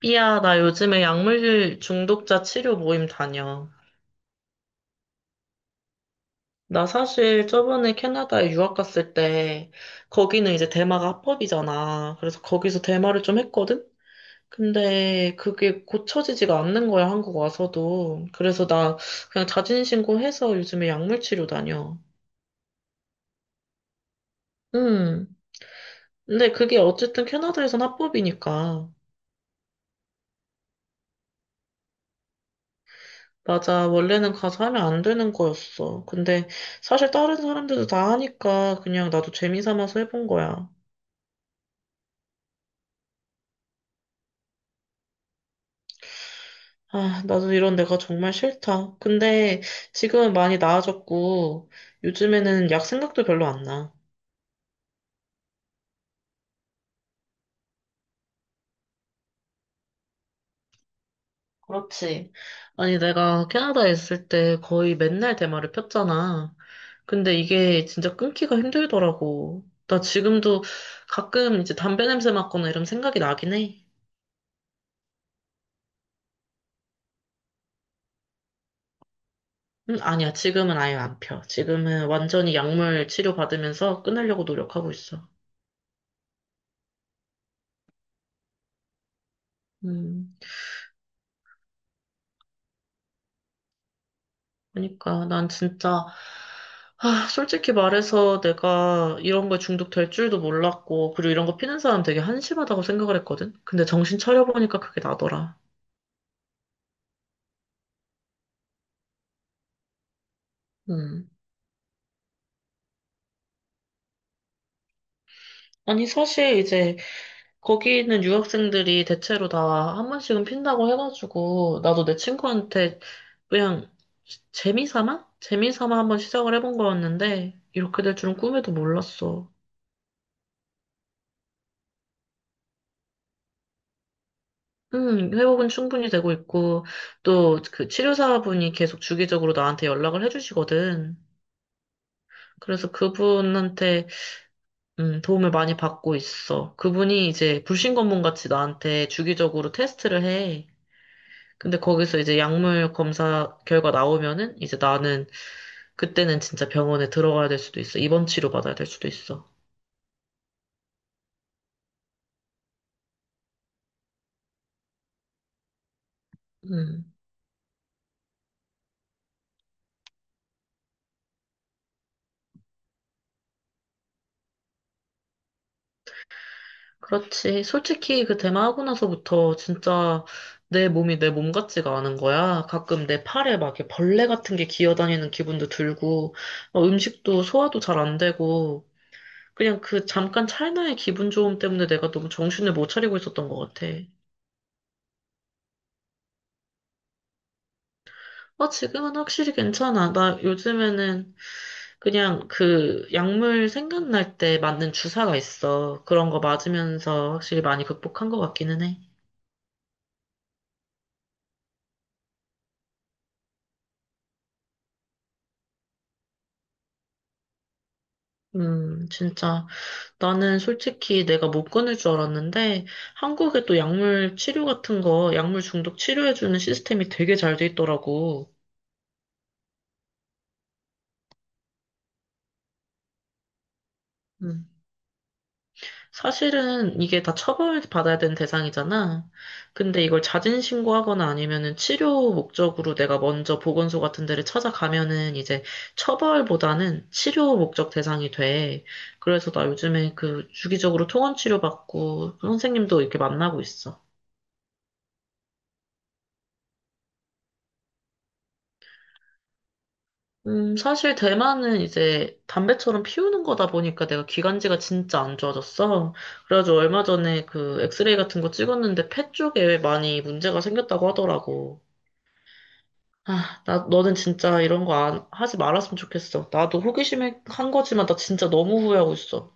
삐야, 나 요즘에 약물 중독자 치료 모임 다녀. 나 사실 저번에 캐나다에 유학 갔을 때, 거기는 이제 대마가 합법이잖아. 그래서 거기서 대마를 좀 했거든? 근데 그게 고쳐지지가 않는 거야, 한국 와서도. 그래서 나 그냥 자진신고해서 요즘에 약물 치료 다녀. 음. 근데 그게 어쨌든 캐나다에선 합법이니까. 맞아. 원래는 가서 하면 안 되는 거였어. 근데 사실 다른 사람들도 다 하니까 그냥 나도 재미 삼아서 해본 거야. 아, 나도 이런 내가 정말 싫다. 근데 지금은 많이 나아졌고 요즘에는 약 생각도 별로 안 나. 그렇지. 아니, 내가 캐나다에 있을 때 거의 맨날 대마를 폈잖아. 근데 이게 진짜 끊기가 힘들더라고. 나 지금도 가끔 이제 담배 냄새 맡거나 이런 생각이 나긴 해. 아니야. 지금은 아예 안 펴. 지금은 완전히 약물 치료 받으면서 끊으려고 노력하고 있어. 음, 그러니까 난 진짜 아, 솔직히 말해서 내가 이런 거에 중독될 줄도 몰랐고, 그리고 이런 거 피는 사람 되게 한심하다고 생각을 했거든? 근데 정신 차려보니까 그게 나더라. 음. 아니, 사실 이제 거기 있는 유학생들이 대체로 다 한 번씩은 핀다고 해가지고, 나도 내 친구한테 그냥 재미삼아 한번 시작을 해본 거였는데 이렇게 될 줄은 꿈에도 몰랐어. 회복은 충분히 되고 있고 또 그 치료사분이 계속 주기적으로 나한테 연락을 해주시거든. 그래서 그분한테 도움을 많이 받고 있어. 그분이 이제 불신검문 같이 나한테 주기적으로 테스트를 해. 근데 거기서 이제 약물 검사 결과 나오면은 이제 나는 그때는 진짜 병원에 들어가야 될 수도 있어. 입원 치료 받아야 될 수도 있어. 음. 그렇지. 솔직히 그 대마하고 나서부터 진짜 내 몸이 내 몸 같지가 않은 거야. 가끔 내 팔에 막 이렇게 벌레 같은 게 기어다니는 기분도 들고, 음식도 소화도 잘 안 되고, 그냥 그 잠깐 찰나의 기분 좋음 때문에 내가 너무 정신을 못 차리고 있었던 것 같아. 아, 지금은 확실히 괜찮아. 나 요즘에는 그냥 그 약물 생각날 때 맞는 주사가 있어. 그런 거 맞으면서 확실히 많이 극복한 것 같기는 해. 진짜. 나는 솔직히 내가 못 끊을 줄 알았는데 한국에 또 약물 치료 같은 거, 약물 중독 치료해주는 시스템이 되게 잘 돼 있더라고. 음. 사실은 이게 다 처벌받아야 되는 대상이잖아. 근데 이걸 자진 신고하거나 아니면은 치료 목적으로 내가 먼저 보건소 같은 데를 찾아가면은 이제 처벌보다는 치료 목적 대상이 돼. 그래서 나 요즘에 그 주기적으로 통원 치료 받고 선생님도 이렇게 만나고 있어. 사실 대만은 이제 담배처럼 피우는 거다 보니까 내가 기관지가 진짜 안 좋아졌어. 그래가지고 얼마 전에 그 엑스레이 같은 거 찍었는데 폐 쪽에 많이 문제가 생겼다고 하더라고. 아, 나, 너는 진짜 이런 거 안, 하지 말았으면 좋겠어. 나도 호기심에 한 거지만 나 진짜 너무 후회하고 있어.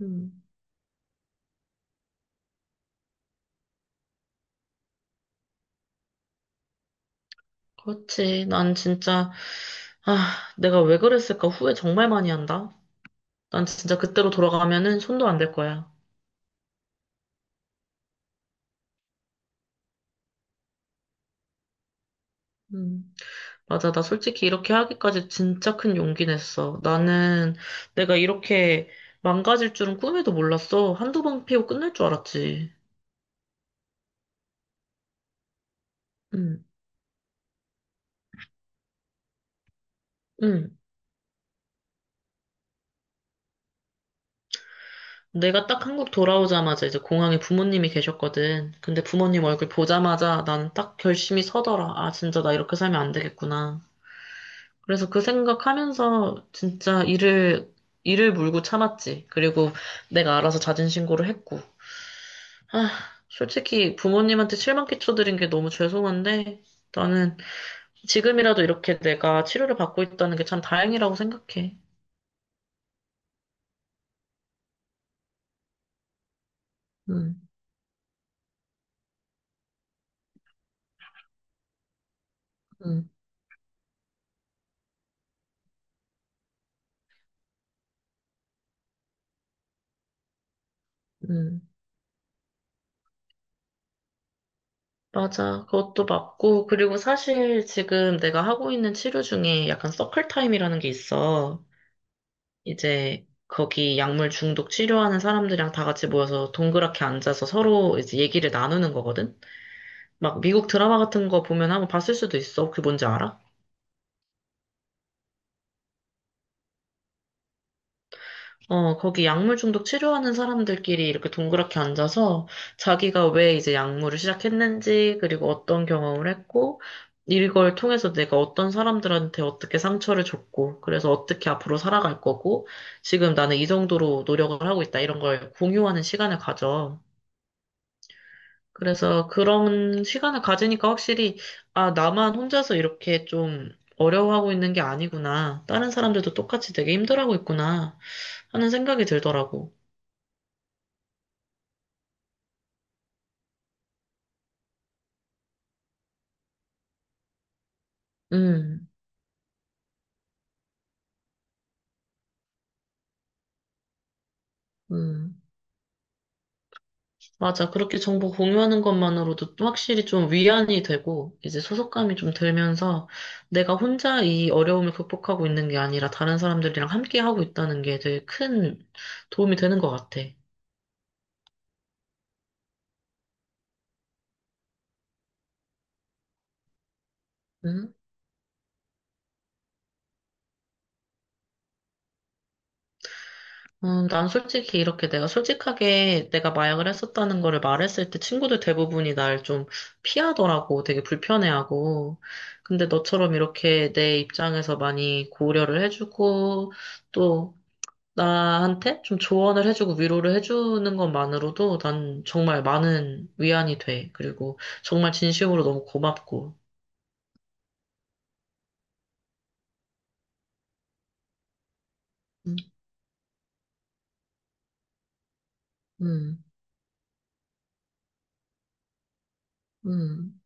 음, 그렇지. 난 진짜, 아, 내가 왜 그랬을까 후회 정말 많이 한다. 난 진짜 그때로 돌아가면은 손도 안 댈 거야. 음. 맞아. 나 솔직히 이렇게 하기까지 진짜 큰 용기 냈어. 나는 내가 이렇게 망가질 줄은 꿈에도 몰랐어. 한두 번 피고 끝날 줄 알았지. 응, 응. 내가 딱 한국 돌아오자마자 이제 공항에 부모님이 계셨거든. 근데 부모님 얼굴 보자마자 나는 딱 결심이 서더라. 아, 진짜 나 이렇게 살면 안 되겠구나. 그래서 그 생각하면서 진짜 이를 물고 참았지. 그리고 내가 알아서 자진 신고를 했고. 아, 솔직히 부모님한테 실망 끼쳐드린 게 너무 죄송한데, 나는 지금이라도 이렇게 내가 치료를 받고 있다는 게 참 다행이라고 생각해. 음, 음, 음. 맞아. 그것도 맞고, 그리고 사실 지금 내가 하고 있는 치료 중에 약간 서클 타임이라는 게 있어. 이제 거기 약물 중독 치료하는 사람들이랑 다 같이 모여서 동그랗게 앉아서 서로 이제 얘기를 나누는 거거든? 막 미국 드라마 같은 거 보면 한번 봤을 수도 있어. 그게 뭔지 알아? 어, 거기 약물 중독 치료하는 사람들끼리 이렇게 동그랗게 앉아서 자기가 왜 이제 약물을 시작했는지, 그리고 어떤 경험을 했고, 이걸 통해서 내가 어떤 사람들한테 어떻게 상처를 줬고, 그래서 어떻게 앞으로 살아갈 거고, 지금 나는 이 정도로 노력을 하고 있다, 이런 걸 공유하는 시간을 가져. 그래서 그런 시간을 가지니까 확실히, 아, 나만 혼자서 이렇게 좀 어려워하고 있는 게 아니구나. 다른 사람들도 똑같이 되게 힘들어하고 있구나. 하는 생각이 들더라고. 음, 음. 맞아. 그렇게 정보 공유하는 것만으로도 또 확실히 좀 위안이 되고, 이제 소속감이 좀 들면서 내가 혼자 이 어려움을 극복하고 있는 게 아니라 다른 사람들이랑 함께 하고 있다는 게 되게 큰 도움이 되는 것 같아. 응, 난 솔직히 이렇게 내가 솔직하게 내가 마약을 했었다는 거를 말했을 때 친구들 대부분이 날 좀 피하더라고. 되게 불편해하고. 근데 너처럼 이렇게 내 입장에서 많이 고려를 해주고, 또 나한테 좀 조언을 해주고 위로를 해주는 것만으로도 난 정말 많은 위안이 돼. 그리고 정말 진심으로 너무 고맙고. 음, 음, 음.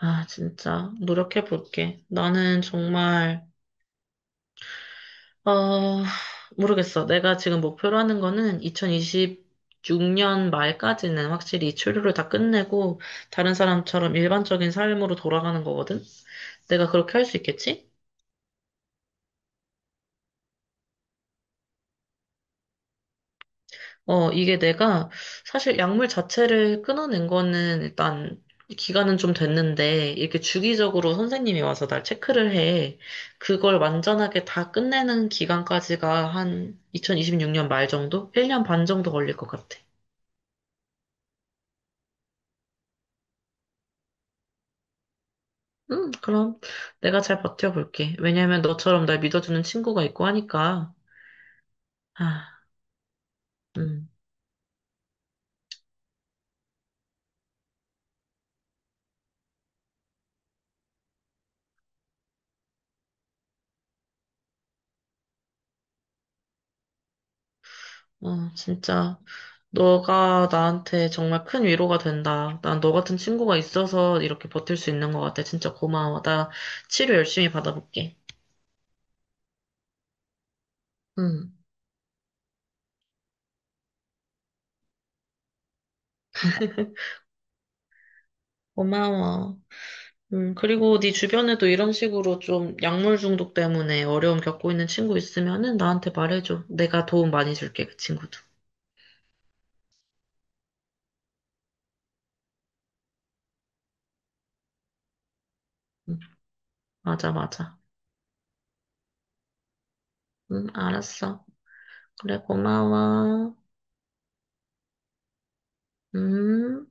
아, 진짜. 노력해 볼게. 나는 정말, 어, 모르겠어. 내가 지금 목표로 하는 거는 2026년 말까지는 확실히 이 치료를 다 끝내고 다른 사람처럼 일반적인 삶으로 돌아가는 거거든? 내가 그렇게 할 수 있겠지? 이게 내가 사실 약물 자체를 끊어낸 거는 일단 기간은 좀 됐는데 이렇게 주기적으로 선생님이 와서 날 체크를 해. 그걸 완전하게 다 끝내는 기간까지가 한 2026년 말 정도? 1년 반 정도 걸릴 것 같아. 그럼 내가 잘 버텨볼게. 왜냐면 너처럼 날 믿어주는 친구가 있고 하니까. 아, 음, 어, 진짜. 너가 나한테 정말 큰 위로가 된다. 난 너 같은 친구가 있어서 이렇게 버틸 수 있는 것 같아. 진짜 고마워. 나 치료 열심히 받아볼게. 응. 고마워. 그리고 네 주변에도 이런 식으로 좀 약물 중독 때문에 어려움 겪고 있는 친구 있으면은 나한테 말해줘. 내가 도움 많이 줄게, 그 친구도. 응, 맞아, 맞아. 응, 알았어. 그래, 고마워. 음.